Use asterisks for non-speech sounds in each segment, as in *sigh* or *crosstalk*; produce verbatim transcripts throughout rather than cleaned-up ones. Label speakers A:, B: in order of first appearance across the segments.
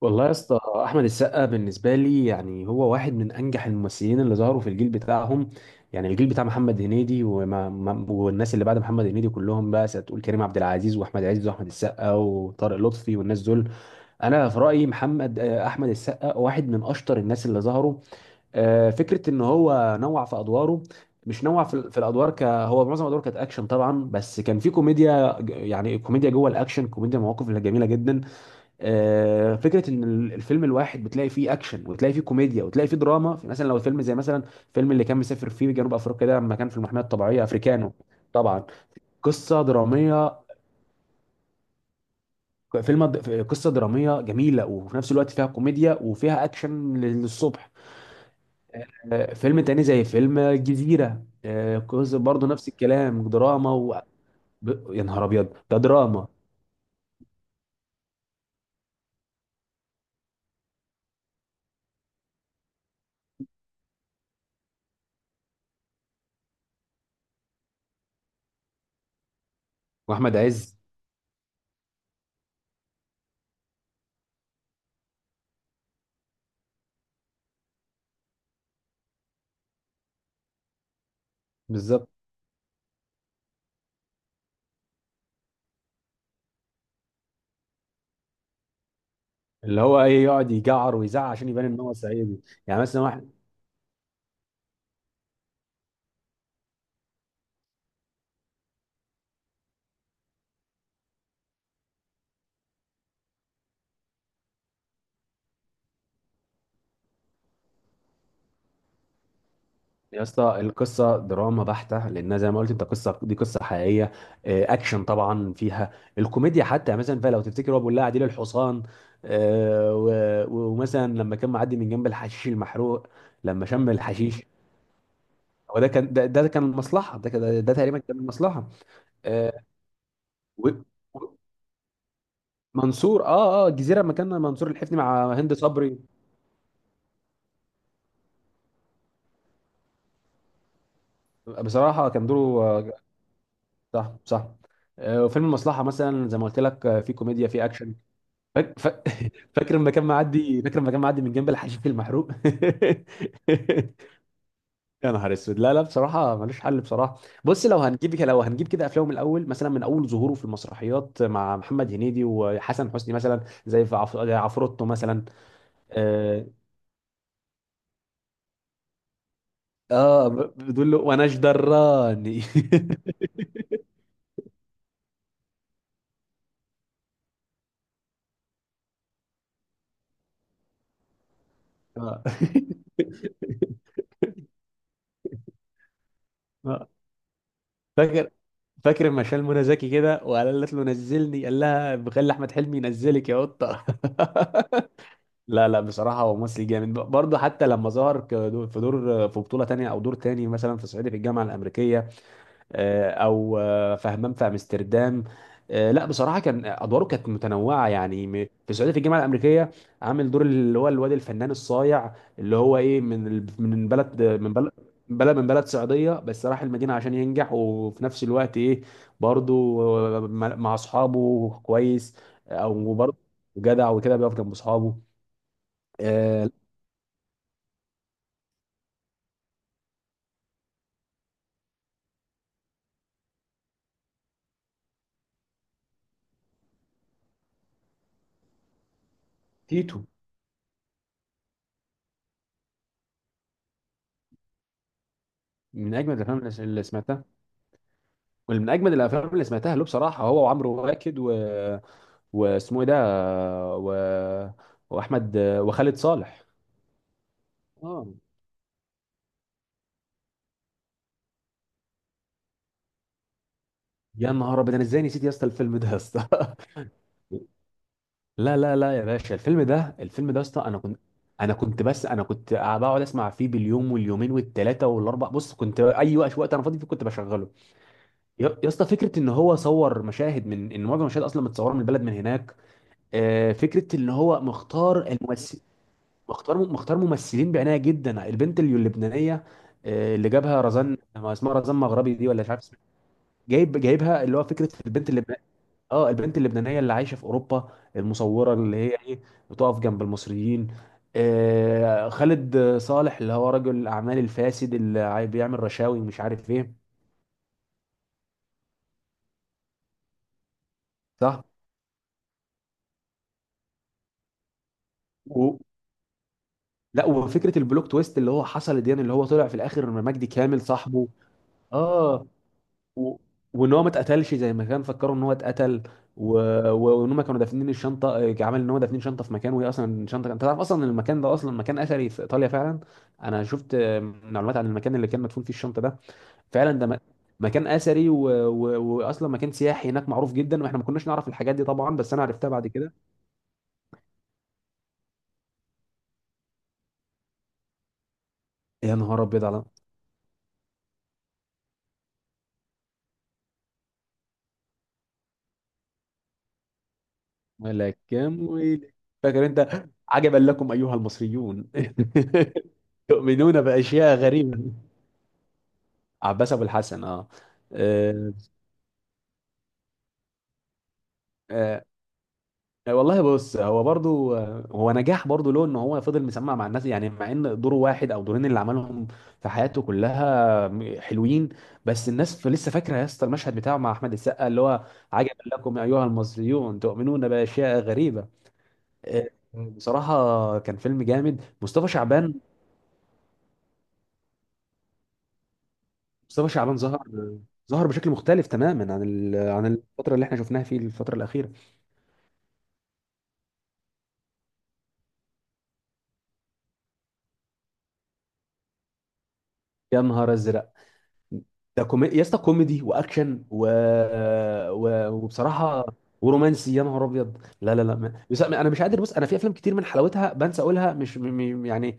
A: والله يا اسطى، احمد السقا بالنسبه لي يعني هو واحد من انجح الممثلين اللي ظهروا في الجيل بتاعهم. يعني الجيل بتاع محمد هنيدي وما ما- والناس اللي بعد محمد هنيدي كلهم، بقى هتقول كريم عبد العزيز واحمد عز واحمد السقا وطارق لطفي والناس دول. انا في رايي محمد آه، احمد السقا واحد من اشطر الناس اللي ظهروا. آه، فكره ان هو نوع في ادواره، مش نوع في في الادوار، ك هو معظم ادواره كانت اكشن طبعا، بس كان في كوميديا ج- يعني كوميديا جوه الاكشن، كوميديا مواقف جميله جدا. آه، فكره ان ال- الفيلم الواحد بتلاقي فيه اكشن، وتلاقي فيه كوميديا، وتلاقي فيه دراما. في مثلا لو الفيلم زي مثلا الفيلم اللي كان مسافر فيه جنوب افريقيا ده، لما كان في المحميه الطبيعيه، افريكانو. طبعا قصه دراميه. فيلم قصه دراميه جميله، وفي نفس الوقت فيها كوميديا وفيها اكشن للصبح. آه، فيلم تاني زي فيلم الجزيره، آه، قصة برضه نفس الكلام، دراما و... ب- يا نهار ابيض، ده دراما. واحمد عز. بالظبط، اللي هو ايه، يقعد يجعر ويزعق عشان يبان ان هو صعيدي. يعني مثلا واحد، يا اسطى القصه دراما بحته، لانها زي ما قلت انت، قصه، دي قصه حقيقيه. آه، اكشن طبعا، فيها الكوميديا، حتى مثلا، فلو تفتكر هو بيقول لها عديل الحصان. آه، و- و- ومثلا لما كان معدي من جنب الحشيش المحروق، لما شم الحشيش. هو ده كان ده، ده كان المصلحه، ده كده- ده تقريبا كان المصلحه. آه، و- و- منصور، اه اه الجزيره لما كان منصور الحفني مع هند صبري. بصراحه كان دوره آه، صح صح. آه، وفيلم المصلحه مثلا زي ما قلت لك، آه، في كوميديا، في اكشن. فاك... ف... *laughs* فاكر لما كان معدي، فاكر لما كان معدي من جنب الحشيش المحروق. *laughs* يا نهار اسود، لا لا، بصراحه ملوش حل. بصراحه بص، لو هنجيب كده، لو هنجيب كده افلامه من الاول مثلا، من اول ظهوره في المسرحيات مع محمد هنيدي وحسن حسني، مثلا زي في عف... زي عفروتو مثلا. اه، آه ب- بتقول له وانا جدراني. *laughs* آه. آه. فاكر فاكر لما شال منى زكي كده، وقالت له نزلني، قال لها بخلي احمد حلمي ينزلك يا قطه. *laughs* لا لا، بصراحة هو ممثل جامد. ب- برضه حتى لما ظهر كدو- في دور في بطولة تانية، أو دور تاني مثلا في صعيدي في الجامعة الأمريكية. آه، أو آه، في همام في أمستردام. آه، لا بصراحة كان أدواره كانت متنوعة، يعني م- في صعيدي في الجامعة الأمريكية عامل دور اللي هو الواد الفنان الصايع، اللي هو إيه، من ال- من بلد، من بلد بلد، من بلد صعيدية، بس راح المدينة عشان ينجح، وفي نفس الوقت إيه، برضه، آه، مع مع أصحابه كويس. آه، أو برضه جدع وكده، بيقف جنب أصحابه. آه، تيتو. من اجمد الافلام اللي سمعتها. ومن اجمد الافلام اللي سمعتها له بصراحه هو وعمرو واكد و... واسمه ايه ده، و... واحمد وخالد صالح. اه. يا نهار ابيض، انا ازاي نسيت يا اسطى الفيلم ده يا اسطى. *laughs* لا لا لا يا باشا، الفيلم ده، الفيلم ده يا اسطى، انا كنت انا كنت بس انا كنت بقعد اسمع فيه باليوم واليومين والثلاثه والاربع. بص، كنت اي وقت، وقت انا فاضي فيه كنت بشغله. يا يا اسطى، فكره ان هو صور مشاهد من، ان معظم المشاهد اصلا متصوره من البلد من هناك. آه، فكره ان هو مختار الممثل، مختار مختار ممثلين بعنايه جدا. البنت اللي- اللبنانيه، آه، اللي جابها رزان، ما اسمها رزان مغربي دي، ولا مش عارف اسمها، جايب جايبها، اللي هو فكره البنت اللبنانيه. اه، البنت اللبنانيه اللي عايشه في اوروبا، المصوره اللي هي ايه، بتقف جنب المصريين. آه، خالد صالح اللي هو رجل الاعمال الفاسد اللي عاي- بيعمل رشاوي ومش عارف ايه. صح. و... لا وفكره البلوك تويست اللي هو حصل دي، يعني اللي هو طلع في الاخر مجدي كامل صاحبه. اه، و... وان هو ما اتقتلش زي ما كان فكروا ان هو اتقتل. و... و- وان هم كانوا دافنين الشنطه، آه، عمل ان هو دافنين شنطه في مكان، وهي اصلا الشنطه كانت- انت تعرف اصلا ان المكان ده اصلا مكان اثري في ايطاليا فعلا. انا شفت آه، معلومات عن المكان اللي كان مدفون فيه الشنطه ده. فعلا ده م... مكان اثري، و... و... واصلا مكان سياحي هناك معروف جدا، واحنا ما كناش نعرف الحاجات دي طبعا، بس انا عرفتها بعد كده. يا نهار ابيض على ملك كام ويلك. فاكر انت، عجبا لكم ايها المصريون، *laughs* تؤمنون باشياء غريبه. عباس ابو الحسن. اه، آه. آه. آه، والله بص، هو برضو آه، هو نجاح برضو له ان هو فضل مسمع مع الناس، يعني مع ان دوره واحد او دورين اللي عملهم في حياته كلها م- حلوين. بس الناس ف- لسه فاكره، يا اسطى المشهد بتاعه مع احمد السقا اللي هو عجبا لكم ايها المصريون، تؤمنون باشياء غريبه. آه، بصراحه كان فيلم جامد، مصطفى شعبان. مصطفى شعبان ظهر ظهر بشكل مختلف تماما عن ال- عن الفتره اللي احنا شفناها في الفتره الاخيره. يا نهار ازرق، ده كومي... يا اسطى كوميدي واكشن و... و... وبصراحه ورومانسي. يا نهار ابيض، لا لا لا، ما... بس انا مش قادر. بص، انا في افلام كتير من حلاوتها بنسى اقولها، مش م... م... يعني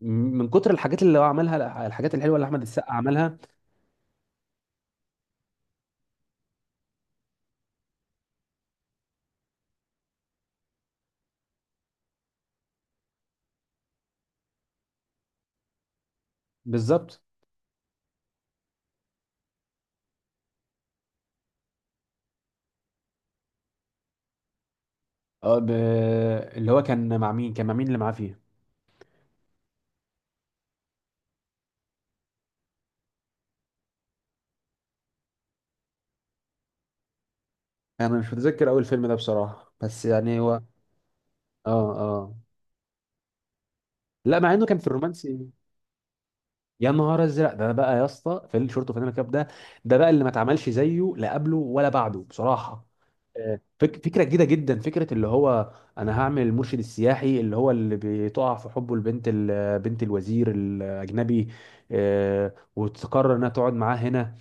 A: من كتر الحاجات اللي هو عملها، الحاجات الحلوه اللي احمد السقا عملها. بالظبط. اه ب... اللي هو كان مع مين، كان مع مين اللي معاه فيه. انا مش متذكر اول فيلم ده بصراحه، بس يعني هو، اه اه. لا مع انه كان في الرومانسي، يا نهار ازرق، ده بقى يا اسطى في الشورت وفانيلا كاب ده، ده بقى اللي ما اتعملش زيه لا قبله ولا بعده بصراحه. آه، فك فكره جديده جدا، فكره اللي هو انا هعمل المرشد السياحي، اللي هو اللي بتقع في حبه البنت، ال- بنت الوزير الاجنبي، آه، وتقرر انها تقعد معاه هنا.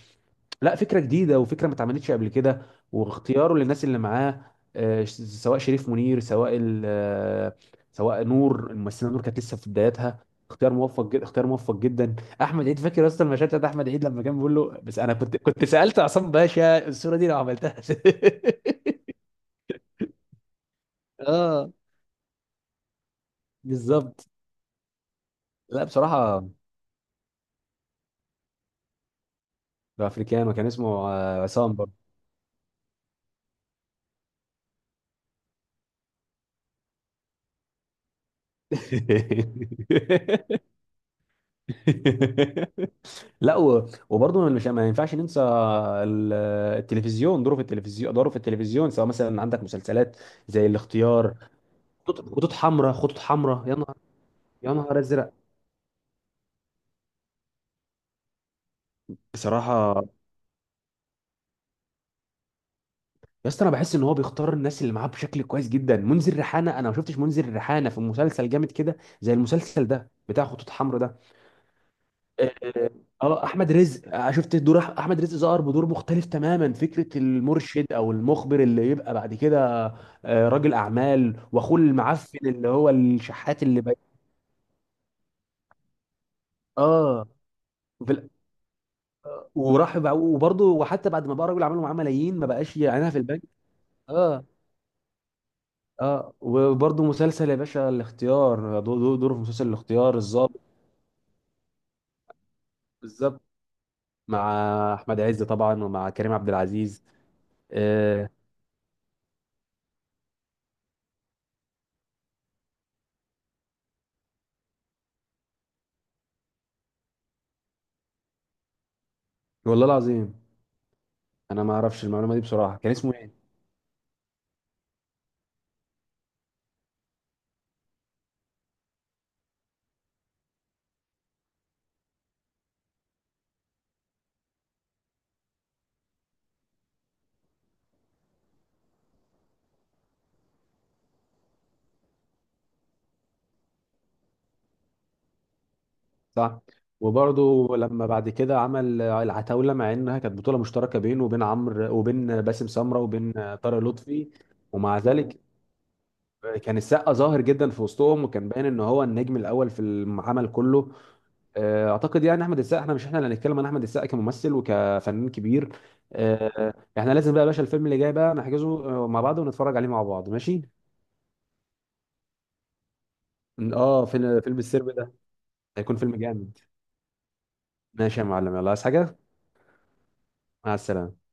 A: لا فكرة جديدة، وفكرة ما اتعملتش قبل كده. واختياره للناس اللي معاه، آه، ش- سواء شريف منير، سواء ال- آه، سواء نور، الممثلة نور كانت لسه في بداياتها. اختيار موفق جدا، اختيار موفق جدا. احمد عيد، فاكر يا اسطى المشهد بتاع احمد عيد لما كان بيقول له، بس انا كنت، كنت سألت عصام باشا الصورة دي لو عملتها. *laughs* اه، بالظبط. لا بصراحة ده افريكانو، كان اسمه آه، عصام. برضه. *laughs* لا و- وبرضه مش، ما ينفعش ننسى ال- التلفزيون، دوره في التلفزيون، دوره في التلفزيون سواء مثلا عندك مسلسلات زي الاختيار، خطوط خطوط حمراء، خطوط حمراء يا نهار، يا نهار ازرق. بصراحه يا اسطى، انا بحس ان هو بيختار الناس اللي معاه بشكل كويس جدا. منذر ريحانه، انا ما شفتش منذر ريحانه في مسلسل جامد كده زي المسلسل ده بتاع خطوط حمراء ده. اه. آه، احمد رزق، آه، شفت دور أح- احمد رزق ظهر بدور مختلف تماما، فكره المرشد او المخبر اللي يبقى بعد كده آه، راجل اعمال، واخوه المعفن اللي هو الشحات اللي بقى، اه في ال- وراح بقى- وبرضه، وحتى بعد ما بقى راجل اعمال ومعاه ملايين، ما بقاش يعينها في البنك. اه. اه وبرضه مسلسل يا باشا الاختيار، دو- دو- دوره في مسلسل الاختيار، الظابط. بالظبط، مع احمد عز طبعا، ومع كريم عبد العزيز. آه. والله العظيم، انا ما اعرفش المعلومه دي بصراحه. كان اسمه ايه؟ صح. وبرضه لما بعد كده عمل العتاولة، مع انها كانت بطولة مشتركة بينه وبين عمرو، وبين باسم سمرة، وبين طارق لطفي. ومع مم. ذلك كان السقا ظاهر جدا في وسطهم، وكان باين ان هو النجم الاول في العمل كله. آه، اعتقد يعني احمد السقا، احنا مش احنا اللي هنتكلم عن احمد السقا كممثل وكفنان كبير. آه، احنا لازم بقى يا باشا، الفيلم اللي جاي بقى نحجزه آه، مع بعض، ونتفرج عليه مع بعض، ماشي. اه فيلم، فيلم السرب ده هيكون فيلم جامد. ماشي يا معلم، يلا عايز حاجة؟ مع السلامة.